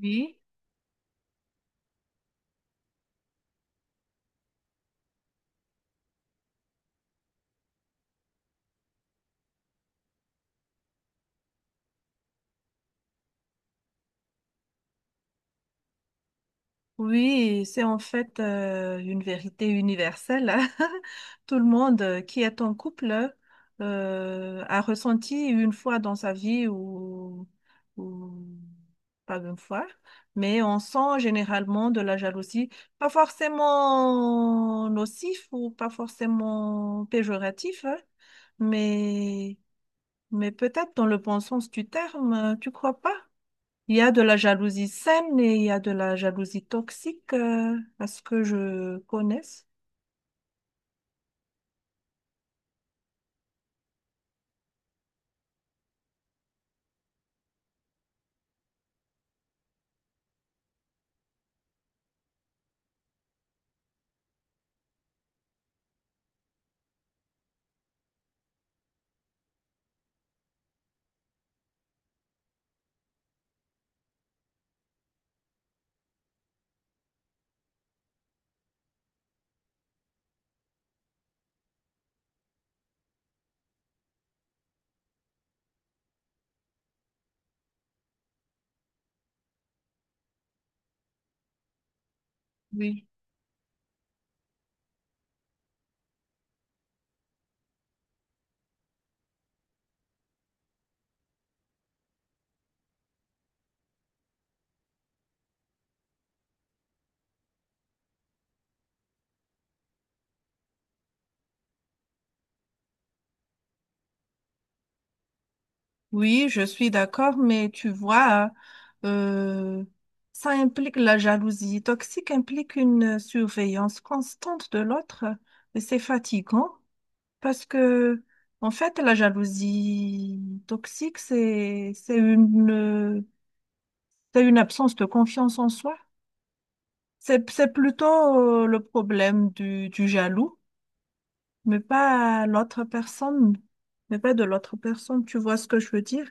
Oui, oui, c'est en fait une vérité universelle, hein. Tout le monde qui est en couple a ressenti une fois dans sa vie ou pas une fois, mais on sent généralement de la jalousie, pas forcément nocif ou pas forcément péjoratif, hein, mais, mais peut-être dans le bon sens du terme, tu crois pas? Il y a de la jalousie saine et il y a de la jalousie toxique, à ce que je connaisse. Oui, oui, je suis d'accord, mais tu vois, euh, ça implique, la jalousie toxique implique une surveillance constante de l'autre et c'est fatigant parce que, en fait, la jalousie toxique, c'est une c'est une absence de confiance en soi. C'est plutôt le problème du jaloux. Mais pas à l'autre personne, mais pas de l'autre personne, tu vois ce que je veux dire?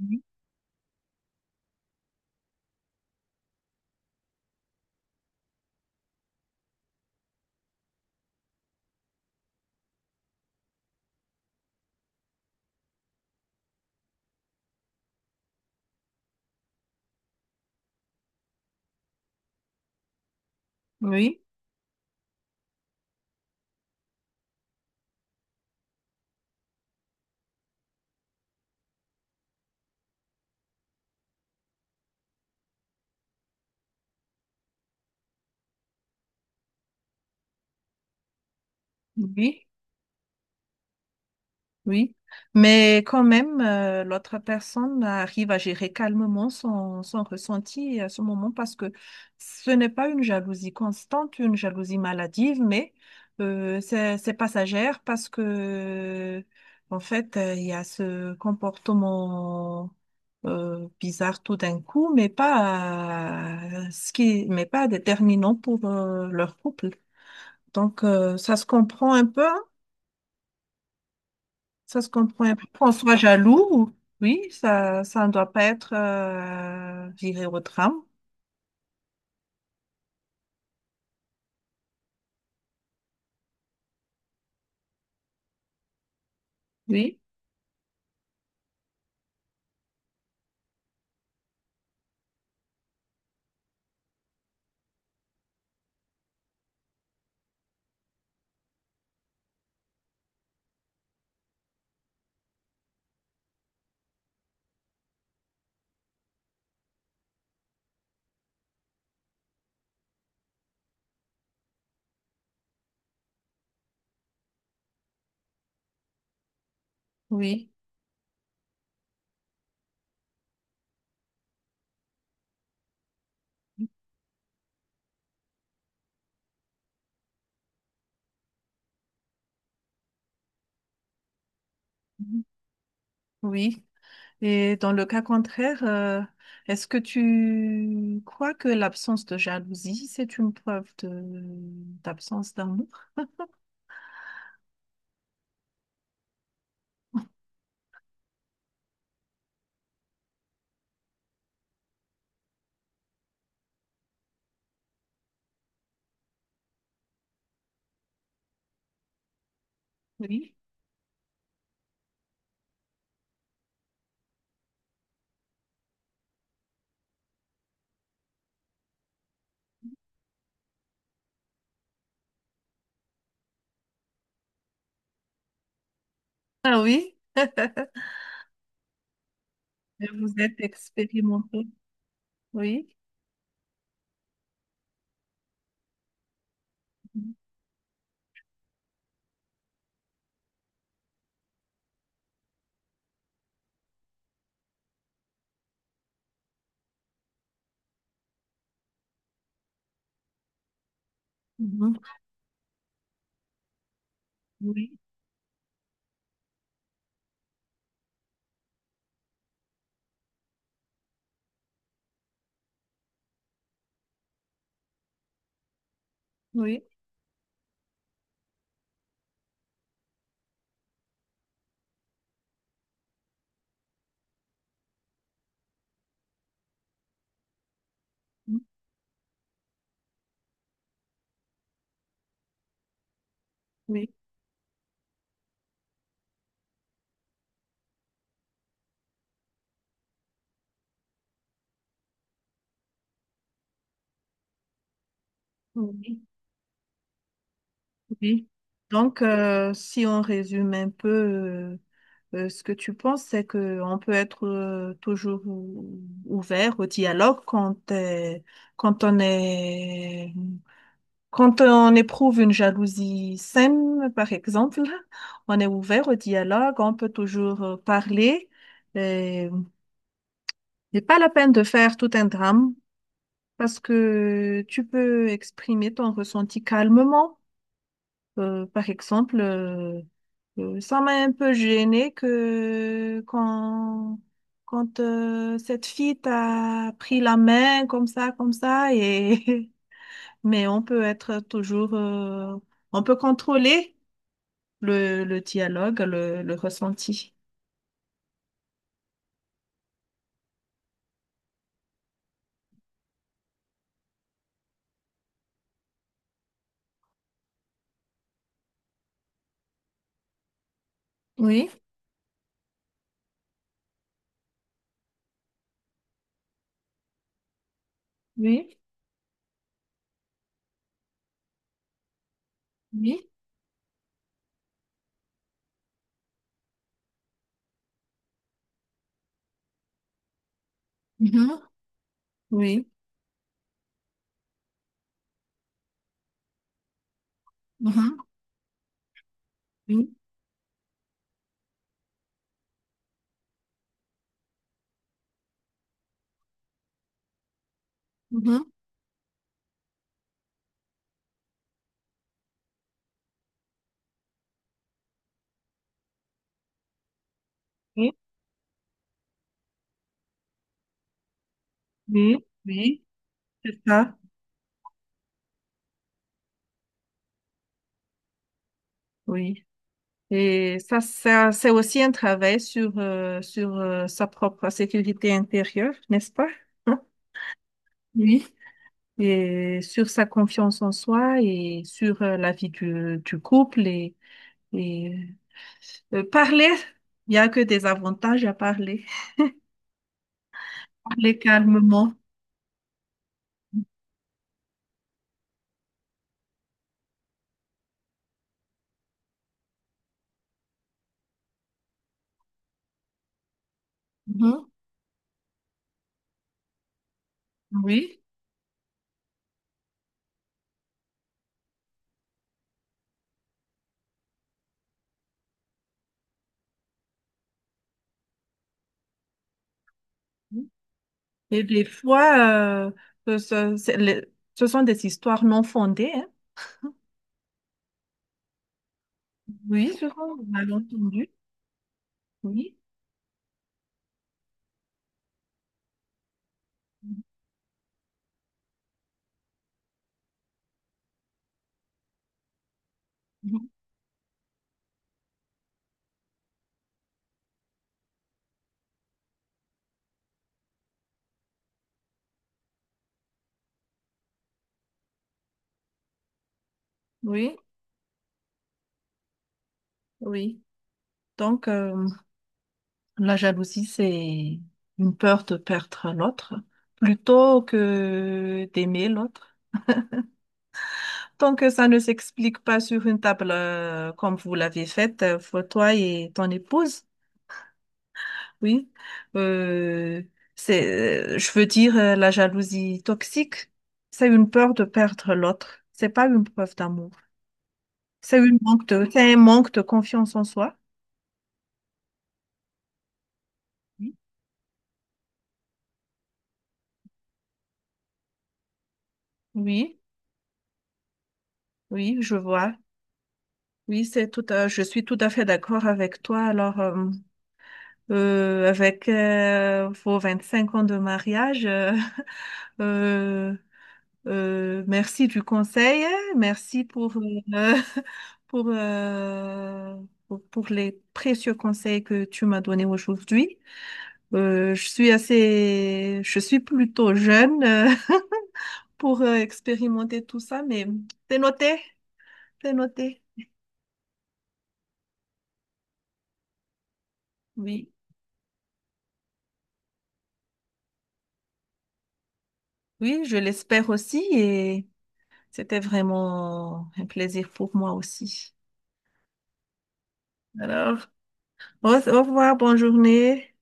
Oui. Oui, oui. Oui, mais quand même, l'autre personne arrive à gérer calmement son ressenti à ce moment parce que ce n'est pas une jalousie constante, une jalousie maladive, mais c'est passagère parce que, en fait, il y a ce comportement bizarre tout d'un coup, mais pas, mais pas déterminant pour leur couple. Donc, ça se comprend un peu, hein? Ça se comprend. Et puis, qu'on soit jaloux, ou- oui, ça ne doit pas être viré au tram. Oui, oui. Mhm. Oui. Et dans le cas contraire, est-ce que tu crois que l'absence de jalousie, c'est une preuve de d'absence d'amour? Oui. Ah oui. Et vous êtes expérimenté. Oui. Mhm. Oui, oui, oui, oui. Oui. Donc, si on résume un peu, ce que tu penses, c'est qu'on peut être toujours ou- ouvert au dialogue quand, quand on est, quand on éprouve une jalousie saine, par exemple, on est ouvert au dialogue, on peut toujours parler. Et, n'est pas la peine de faire tout un drame parce que tu peux exprimer ton ressenti calmement. Par exemple, ça m'a un peu gênée que quand, quand cette fille t'a pris la main comme ça, et mais on peut être toujours, on peut contrôler le dialogue, le ressenti. Oui, oui, oui, mhm, oui, mhm, oui, mhm. Oui, oui, oui, c'est ça. Oui. Et ça c'est aussi un travail sur, sa propre sécurité intérieure, n'est-ce pas? Hein? Oui. Et sur sa confiance en soi et sur la vie du couple. Et parler, il n'y a que des avantages à parler. Parler calmement. Mhm. Oui. Et des fois, c'est le- ce sont des histoires non fondées, hein. Oui. Sur un malentendu. Oui, mhm, oui. Oui, donc la jalousie, c'est une peur de perdre l'autre plutôt que d'aimer l'autre. Tant que ça ne s'explique pas sur une table comme vous l'avez faite, pour toi et ton épouse, oui, euh, je veux dire, la jalousie toxique, c'est une peur de perdre l'autre. C'est pas une preuve d'amour. C'est un manque de confiance en soi. Oui, oui, oui, je vois. Oui, c'est tout à- je suis tout à fait d'accord avec toi. Alors, avec vos 25 ans de mariage, euh, merci du conseil, hein. Merci euh, pour, euh, pour les précieux conseils que tu m'as donnés aujourd'hui. Je suis plutôt jeune pour expérimenter tout ça, mais c'est noté, c'est noté. Oui, oui, je l'espère aussi. Et c'était vraiment un plaisir pour moi aussi. Alors, au revoir, bonne journée.